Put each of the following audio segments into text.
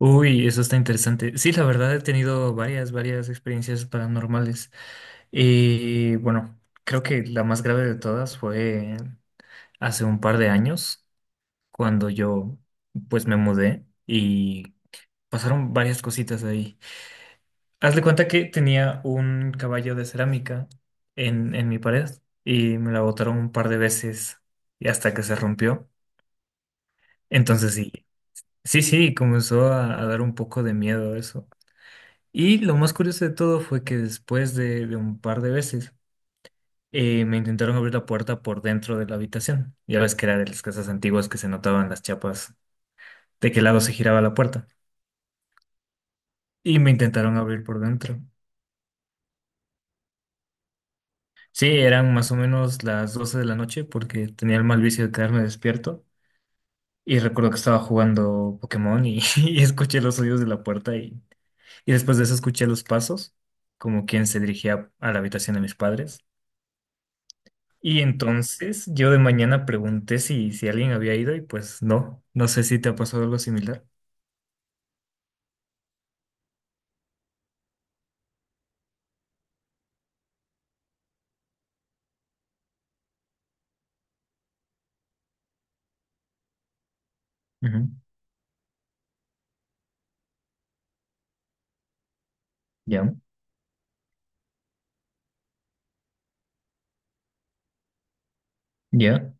Uy, eso está interesante. Sí, la verdad he tenido varias experiencias paranormales. Y bueno, creo que la más grave de todas fue hace un par de años, cuando yo pues me mudé y pasaron varias cositas ahí. Haz de cuenta que tenía un caballo de cerámica en mi pared y me la botaron un par de veces y hasta que se rompió. Entonces sí, sí, sí, comenzó a dar un poco de miedo eso. Y lo más curioso de todo fue que después de un par de veces, me intentaron abrir la puerta por dentro de la habitación. Ya ves que era de las casas antiguas que se notaban las chapas de qué lado se giraba la puerta. Y me intentaron abrir por dentro. Sí, eran más o menos las 12 de la noche porque tenía el mal vicio de quedarme despierto. Y recuerdo que estaba jugando Pokémon y, y escuché los sonidos de la puerta y después de eso escuché los pasos, como quien se dirigía a la habitación de mis padres. Y entonces yo de mañana pregunté si, si alguien había ido y pues no, no sé si te ha pasado algo similar. Ujú. Ya, ya.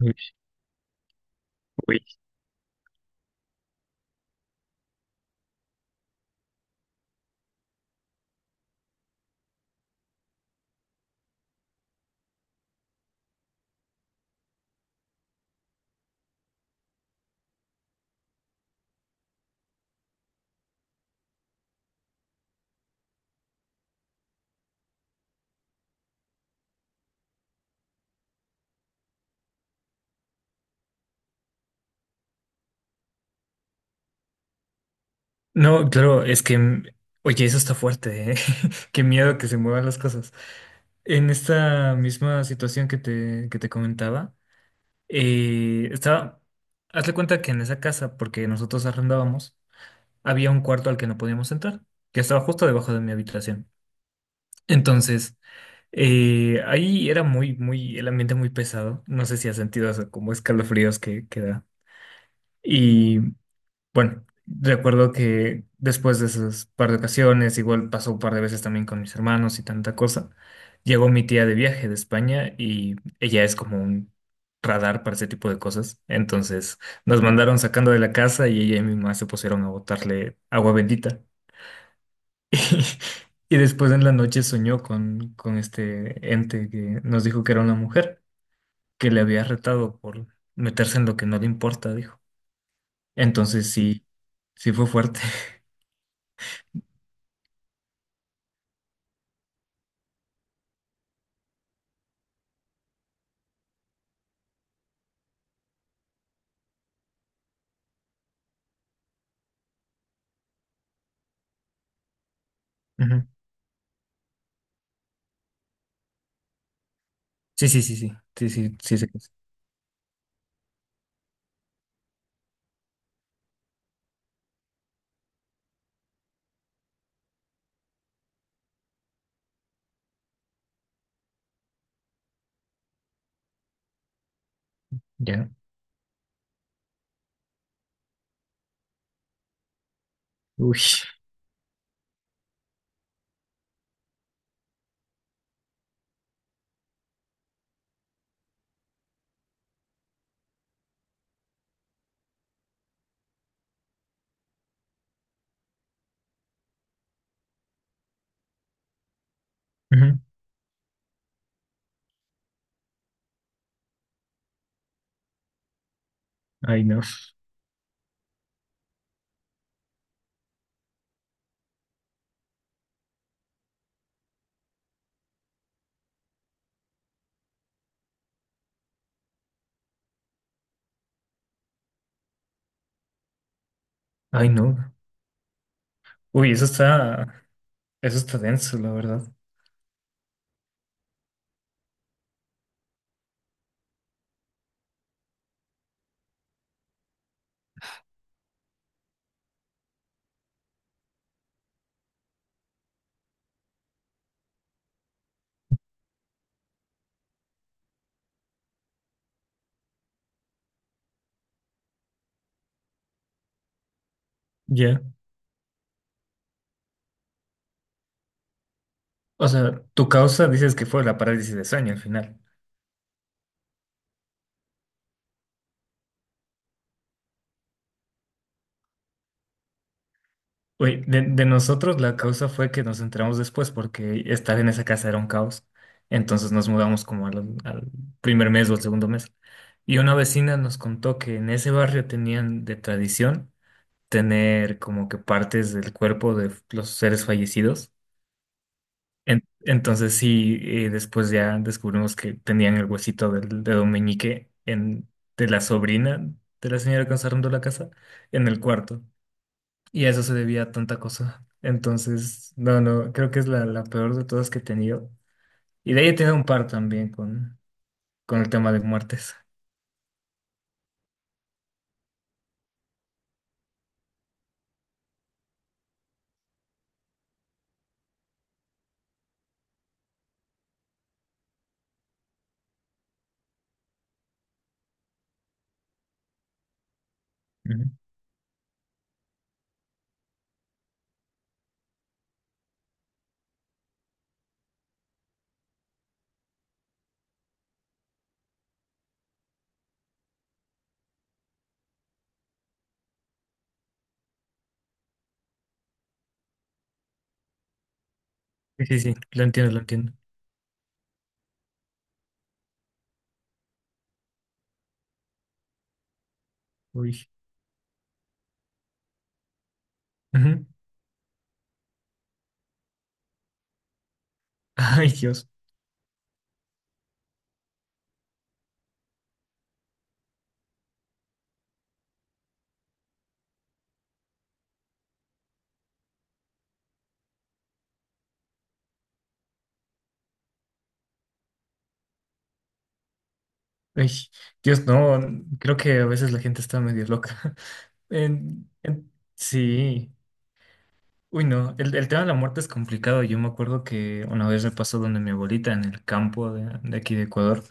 Uy. Uy. No, claro, es que, oye, eso está fuerte, ¿eh? Qué miedo que se muevan las cosas. En esta misma situación que te comentaba, estaba, hazle cuenta que en esa casa, porque nosotros arrendábamos, había un cuarto al que no podíamos entrar, que estaba justo debajo de mi habitación. Entonces, ahí era el ambiente muy pesado. No sé si has sentido eso, como escalofríos que da. Y bueno, recuerdo que después de esas par de ocasiones, igual pasó un par de veces también con mis hermanos y tanta cosa, llegó mi tía de viaje de España y ella es como un radar para ese tipo de cosas. Entonces, nos mandaron sacando de la casa y ella y mi mamá se pusieron a botarle agua bendita. Y después en la noche soñó con este ente que nos dijo que era una mujer, que le había retado por meterse en lo que no le importa, dijo. Entonces sí, sí fue fuerte. Ujú. Sí, sí, sí, sí, sí, sí, sí, sé que es. Ya. Uy. Ujú. Ay, no. Ay, no. Uy, eso está denso, la verdad. Ya. O sea, tu causa dices que fue la parálisis de sueño al final. Oye, de nosotros la causa fue que nos enteramos después porque estar en esa casa era un caos. Entonces nos mudamos como al primer mes o al segundo mes. Y una vecina nos contó que en ese barrio tenían de tradición tener como que partes del cuerpo de los seres fallecidos. Entonces sí, después ya descubrimos que tenían el huesito del dedo meñique en, de la sobrina de la señora que nos arrendó la casa en el cuarto. Y a eso se debía a tanta cosa. Entonces, no, no, creo que es la peor de todas que he tenido. Y de ahí he tenido un par también con el tema de muertes. Ujú. Sí, sí, sí, lo entiendo, lo entiendo. Uy. Ujú. Ay, Dios. Ay, Dios, no, creo que a veces la gente está medio loca. Sí. Uy, no, el tema de la muerte es complicado. Yo me acuerdo que una vez me pasó donde mi abuelita en el campo de aquí de Ecuador.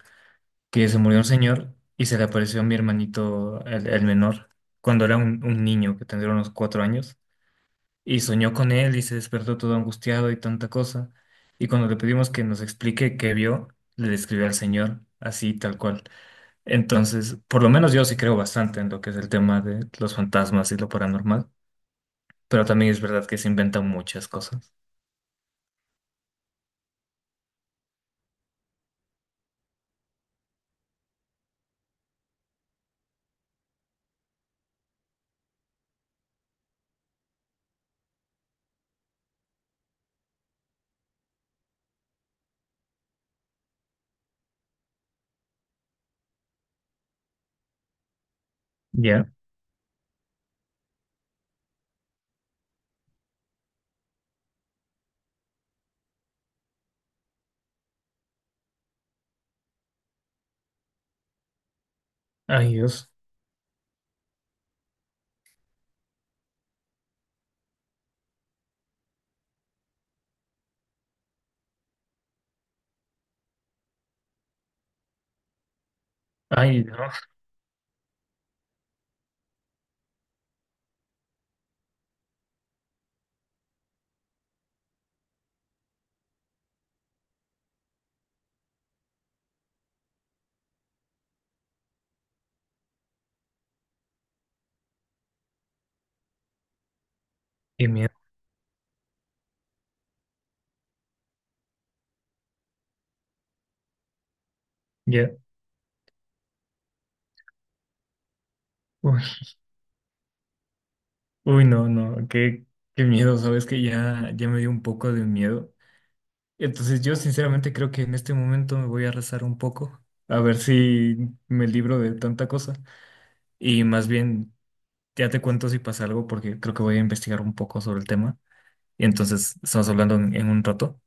Que se murió un señor y se le apareció a mi hermanito, el menor, cuando era un niño que tendría unos 4 años, y soñó con él y se despertó todo angustiado y tanta cosa. Y cuando le pedimos que nos explique qué vio, le describió al señor así, tal cual. Entonces, por lo menos yo sí creo bastante en lo que es el tema de los fantasmas y lo paranormal, pero también es verdad que se inventan muchas cosas. Ya. Ay, Dios. Ay, no. Qué miedo. Ya. Uy. Uy, no, no, qué, qué miedo, sabes que ya, ya me dio un poco de miedo. Entonces yo sinceramente creo que en este momento me voy a rezar un poco, a ver si me libro de tanta cosa. Y más bien, ya te cuento si pasa algo, porque creo que voy a investigar un poco sobre el tema. Y entonces estamos hablando en un rato.